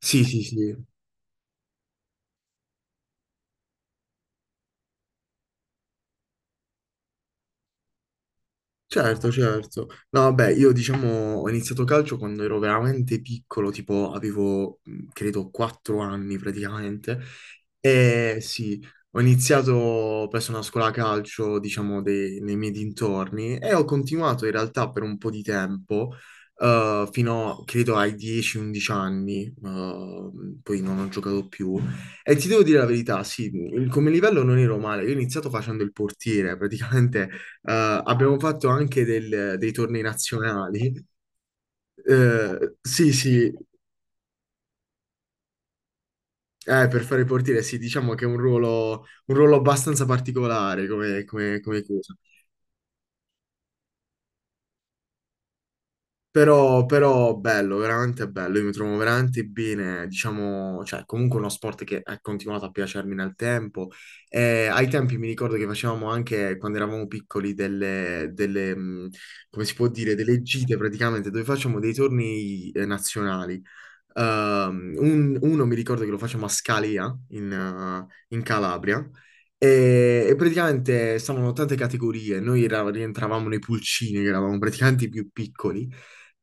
Sì, sì, sì. Certo, certo. No, vabbè, io diciamo ho iniziato calcio quando ero veramente piccolo, tipo avevo, credo, 4 anni praticamente. E sì, ho iniziato presso una scuola calcio, diciamo, nei miei dintorni e ho continuato in realtà per un po' di tempo, fino, credo, ai 10-11 anni, poi non ho giocato più. E ti devo dire la verità, sì, come livello non ero male, io ho iniziato facendo il portiere, praticamente eh, abbiamo fatto anche dei tornei nazionali. Eh sì, sì, per fare il portiere, sì, diciamo che è un ruolo abbastanza particolare come, come cosa. Però bello, veramente bello, io mi trovo veramente bene, diciamo, cioè comunque uno sport che è continuato a piacermi nel tempo. E ai tempi mi ricordo che facevamo anche, quando eravamo piccoli, come si può dire, delle gite praticamente, dove facciamo dei tornei nazionali. Uno mi ricordo che lo facciamo a Scalia, in Calabria, e praticamente stavano tante categorie, noi rientravamo nei pulcini, che eravamo praticamente i più piccoli.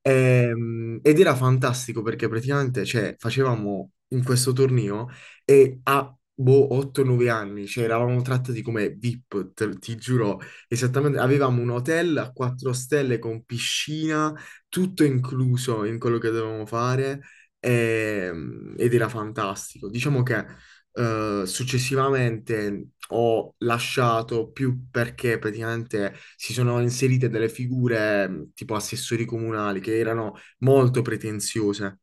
Ed era fantastico perché praticamente cioè, facevamo in questo torneo e a boh, 8-9 anni, cioè eravamo trattati come VIP, ti giuro, esattamente, avevamo un hotel a 4 stelle con piscina, tutto incluso in quello che dovevamo fare ed era fantastico. Diciamo che successivamente ho lasciato più perché praticamente si sono inserite delle figure tipo assessori comunali che erano molto pretenziose.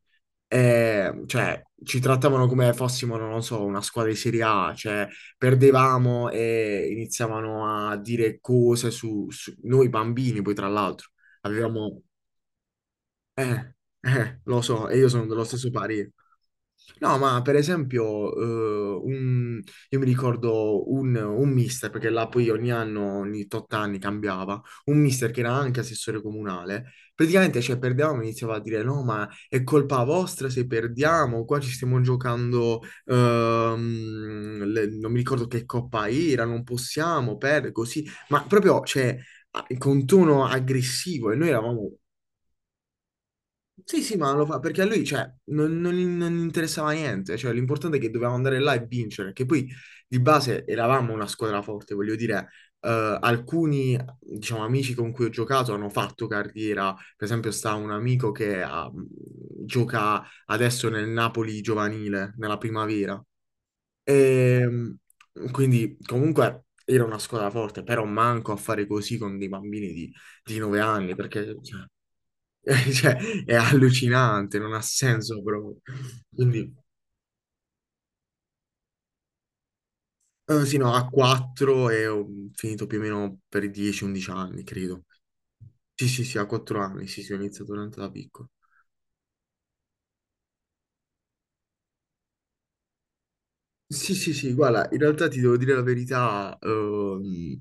E, cioè, ci trattavano come fossimo, non lo so, una squadra di Serie A, cioè perdevamo e iniziavano a dire cose su noi bambini, poi tra l'altro. Avevamo eh, Lo so, e io sono dello stesso parere. No, ma per esempio, io mi ricordo un mister, perché là poi ogni anno, ogni tot anni cambiava, un mister che era anche assessore comunale, praticamente, cioè, perdevamo e iniziava a dire, no, ma è colpa vostra se perdiamo, qua ci stiamo giocando, non mi ricordo che coppa era, non possiamo perdere, così, ma proprio, cioè, con tono aggressivo, e noi eravamo. Sì, sì, ma lo fa perché a lui, cioè, non gli interessava niente. Cioè, l'importante è che dovevamo andare là e vincere. Che poi di base eravamo una squadra forte, voglio dire, alcuni, diciamo, amici con cui ho giocato hanno fatto carriera. Per esempio, sta un amico che gioca adesso nel Napoli giovanile, nella primavera. E quindi, comunque, era una squadra forte, però manco a fare così con dei bambini di 9 anni, perché cioè. Cioè, è allucinante, non ha senso proprio. Quindi, sì, no, a 4 e ho finito più o meno per i 10-11 anni, credo. Sì, sì, sì, a 4 anni, sì, sì, ho iniziato veramente da piccolo. Sì, sì, sì, guarda, in realtà ti devo dire la verità,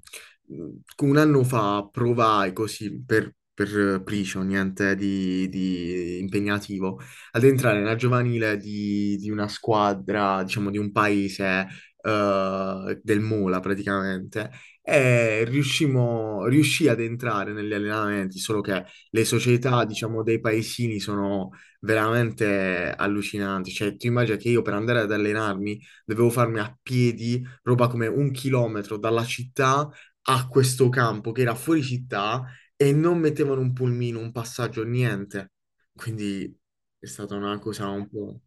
un anno fa provai così per Pricio, niente di impegnativo, ad entrare nella giovanile di una squadra, diciamo, di un paese, del Mola praticamente, e riuscì ad entrare negli allenamenti, solo che le società, diciamo, dei paesini sono veramente allucinanti, cioè tu immagini che io per andare ad allenarmi dovevo farmi a piedi roba come 1 chilometro dalla città a questo campo che era fuori città e non mettevano un pulmino, un passaggio, niente. Quindi è stata una cosa un po'.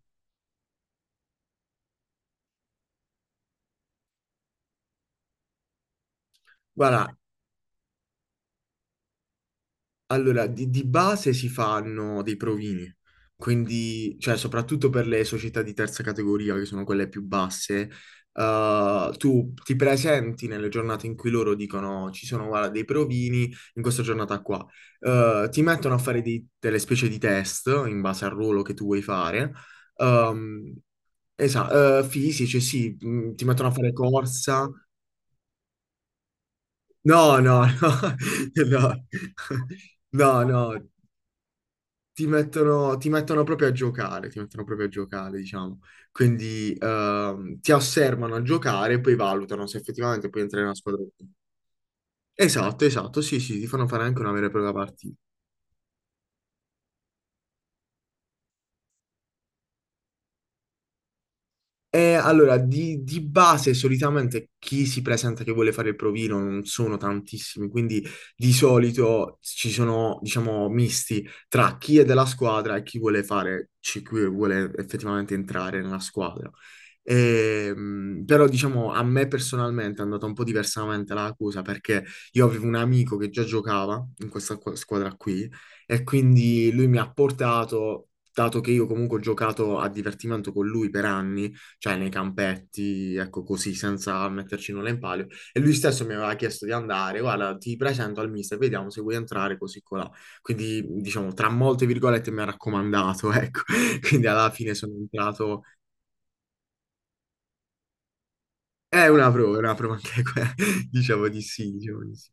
Guarda, allora, di base si fanno dei provini, quindi, cioè, soprattutto per le società di terza categoria, che sono quelle più basse, tu ti presenti nelle giornate in cui loro dicono ci sono, guarda, dei provini in questa giornata qua. Ti mettono a fare delle specie di test in base al ruolo che tu vuoi fare. Ehm, Fisici, sì, ti mettono a fare corsa. No, no, no, no, no, no. Ti mettono proprio a giocare, ti mettono proprio a giocare, diciamo. Quindi ti osservano a giocare e poi valutano se effettivamente puoi entrare in una squadra. Esatto, esatto, sì, sì, ti fanno fare anche una vera e propria partita. Allora, di base solitamente chi si presenta che vuole fare il provino non sono tantissimi, quindi di solito ci sono, diciamo, misti tra chi è della squadra e chi vuole fare, chi vuole effettivamente entrare nella squadra. Però, diciamo, a me personalmente è andata un po' diversamente la cosa perché io avevo un amico che già giocava in questa squadra qui e quindi lui mi ha portato, dato che io comunque ho giocato a divertimento con lui per anni, cioè nei campetti, ecco così, senza metterci nulla in palio. E lui stesso mi aveva chiesto di andare, guarda, ti presento al mister, vediamo se vuoi entrare così colà. Quindi, diciamo, tra molte virgolette mi ha raccomandato, ecco. Quindi alla fine sono entrato. È una prova anche quella, diciamo di sì, diciamo di sì.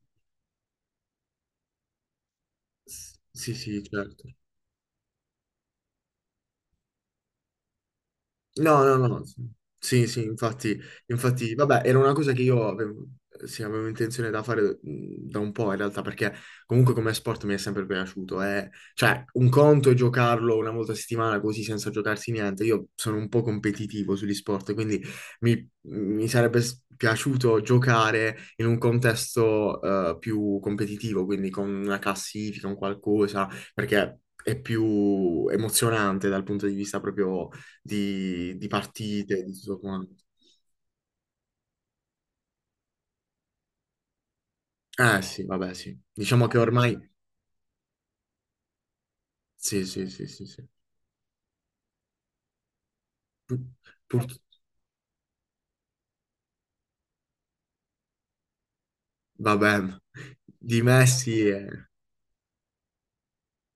Sì, sì, certo. No, no, no. Sì, sì, infatti, infatti, vabbè, era una cosa che io sì, avevo intenzione da fare da un po' in realtà, perché comunque come sport mi è sempre piaciuto. Cioè, un conto è giocarlo una volta a settimana così senza giocarsi niente. Io sono un po' competitivo sugli sport, quindi mi sarebbe piaciuto giocare in un contesto più competitivo, quindi con una classifica, un qualcosa, perché. È più emozionante dal punto di vista proprio di partite, di tutto quanto. Eh sì, vabbè, sì. Diciamo che ormai. Sì, sì, sì, sì, sì. Pu- pur- Vabbè, di Messi è.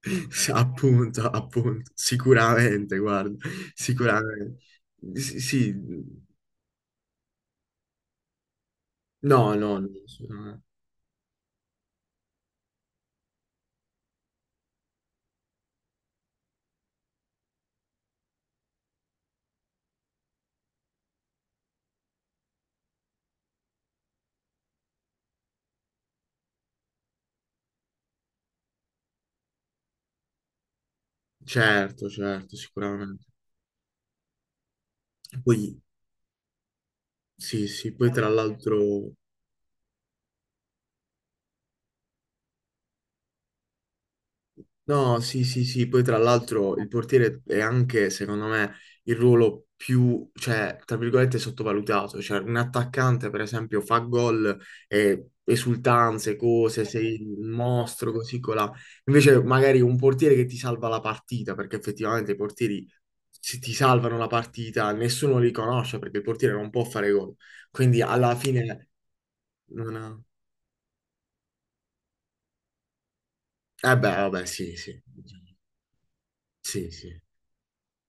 Sì, appunto, appunto, sicuramente, guarda, sicuramente. Sì, sì. No, no, no, sicuramente. Certo, certo, sicuramente. Poi, sì, sì, poi tra l'altro. No, sì, sì, sì, poi tra l'altro il portiere è anche, secondo me, il ruolo più, cioè, tra virgolette, sottovalutato. Cioè, un attaccante, per esempio, fa gol e esultanze, cose, sei il mostro, così, colà. Invece, magari un portiere che ti salva la partita, perché effettivamente i portieri ti salvano la partita, nessuno li conosce perché il portiere non può fare gol. Quindi, alla fine, non ha. Eh beh, vabbè, sì, sì. Sì, sì.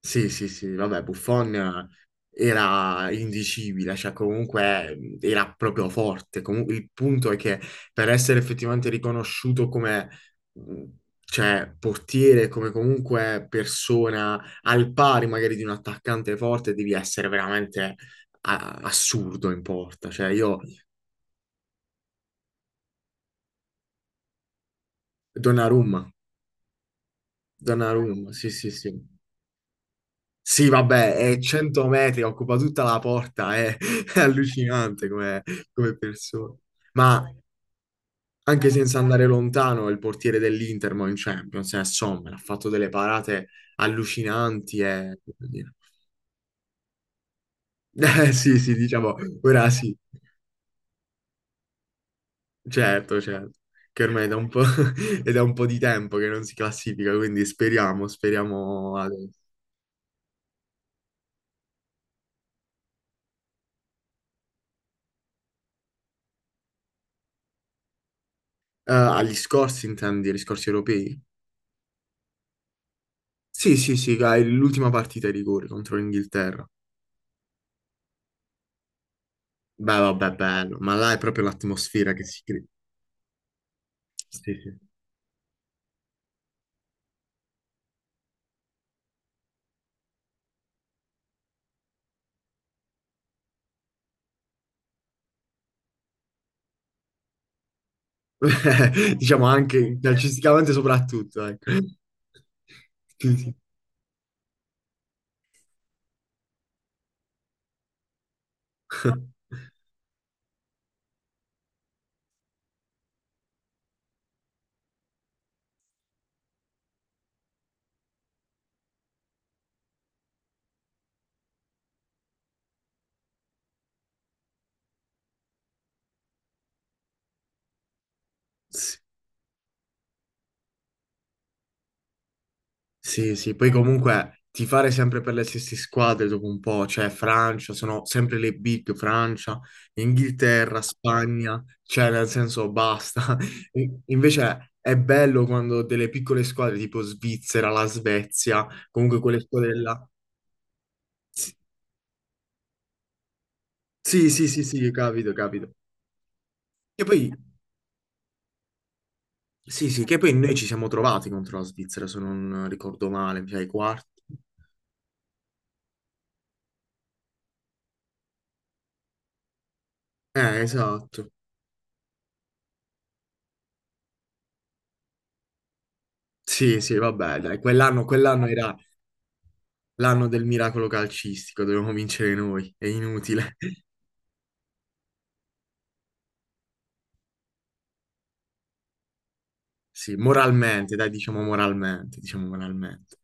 Sì, sì, sì, vabbè, Buffon era indicibile, cioè comunque era proprio forte. Comunque il punto è che per essere effettivamente riconosciuto come mh, cioè, portiere, come comunque persona al pari magari di un attaccante forte, devi essere veramente assurdo in porta. Cioè io. Donnarumma, Donnarumma, sì, sì, sì. Sì, vabbè, è 100 metri, occupa tutta la porta, è, è allucinante come, come persona. Ma anche senza andare lontano, il portiere dell'Inter mo in Champions è Sommer, ha fatto delle parate allucinanti e. Eh sì, sì, diciamo, ora sì, certo, certo, che ormai è da un po', è da un po' di tempo che non si classifica, quindi speriamo, speriamo adesso. Agli scorsi, intendi, agli scorsi europei? Sì, sì, sì, dai, l'ultima partita ai rigori contro l'Inghilterra. Beh, vabbè, bello, ma là è proprio l'atmosfera che si crea. Sì, sì. Diciamo anche calcisticamente soprattutto, ecco. Sì, sì. Sì, sì, sì, poi comunque tifare sempre per le stesse squadre dopo un po', cioè Francia, sono sempre le big Francia, Inghilterra, Spagna, cioè nel senso basta. Invece è bello quando delle piccole squadre tipo Svizzera, la Svezia, comunque quelle squadre là. Sì, sì, sì, sì, sì, capito, capito. Che poi, sì, sì, che poi noi ci siamo trovati contro la Svizzera, se non ricordo male, mi sa i quarti. Esatto. Sì, sì, vabbè, dai, quell'anno era l'anno del miracolo calcistico, dovevamo vincere noi, è inutile. Sì, moralmente, dai, diciamo moralmente, diciamo moralmente.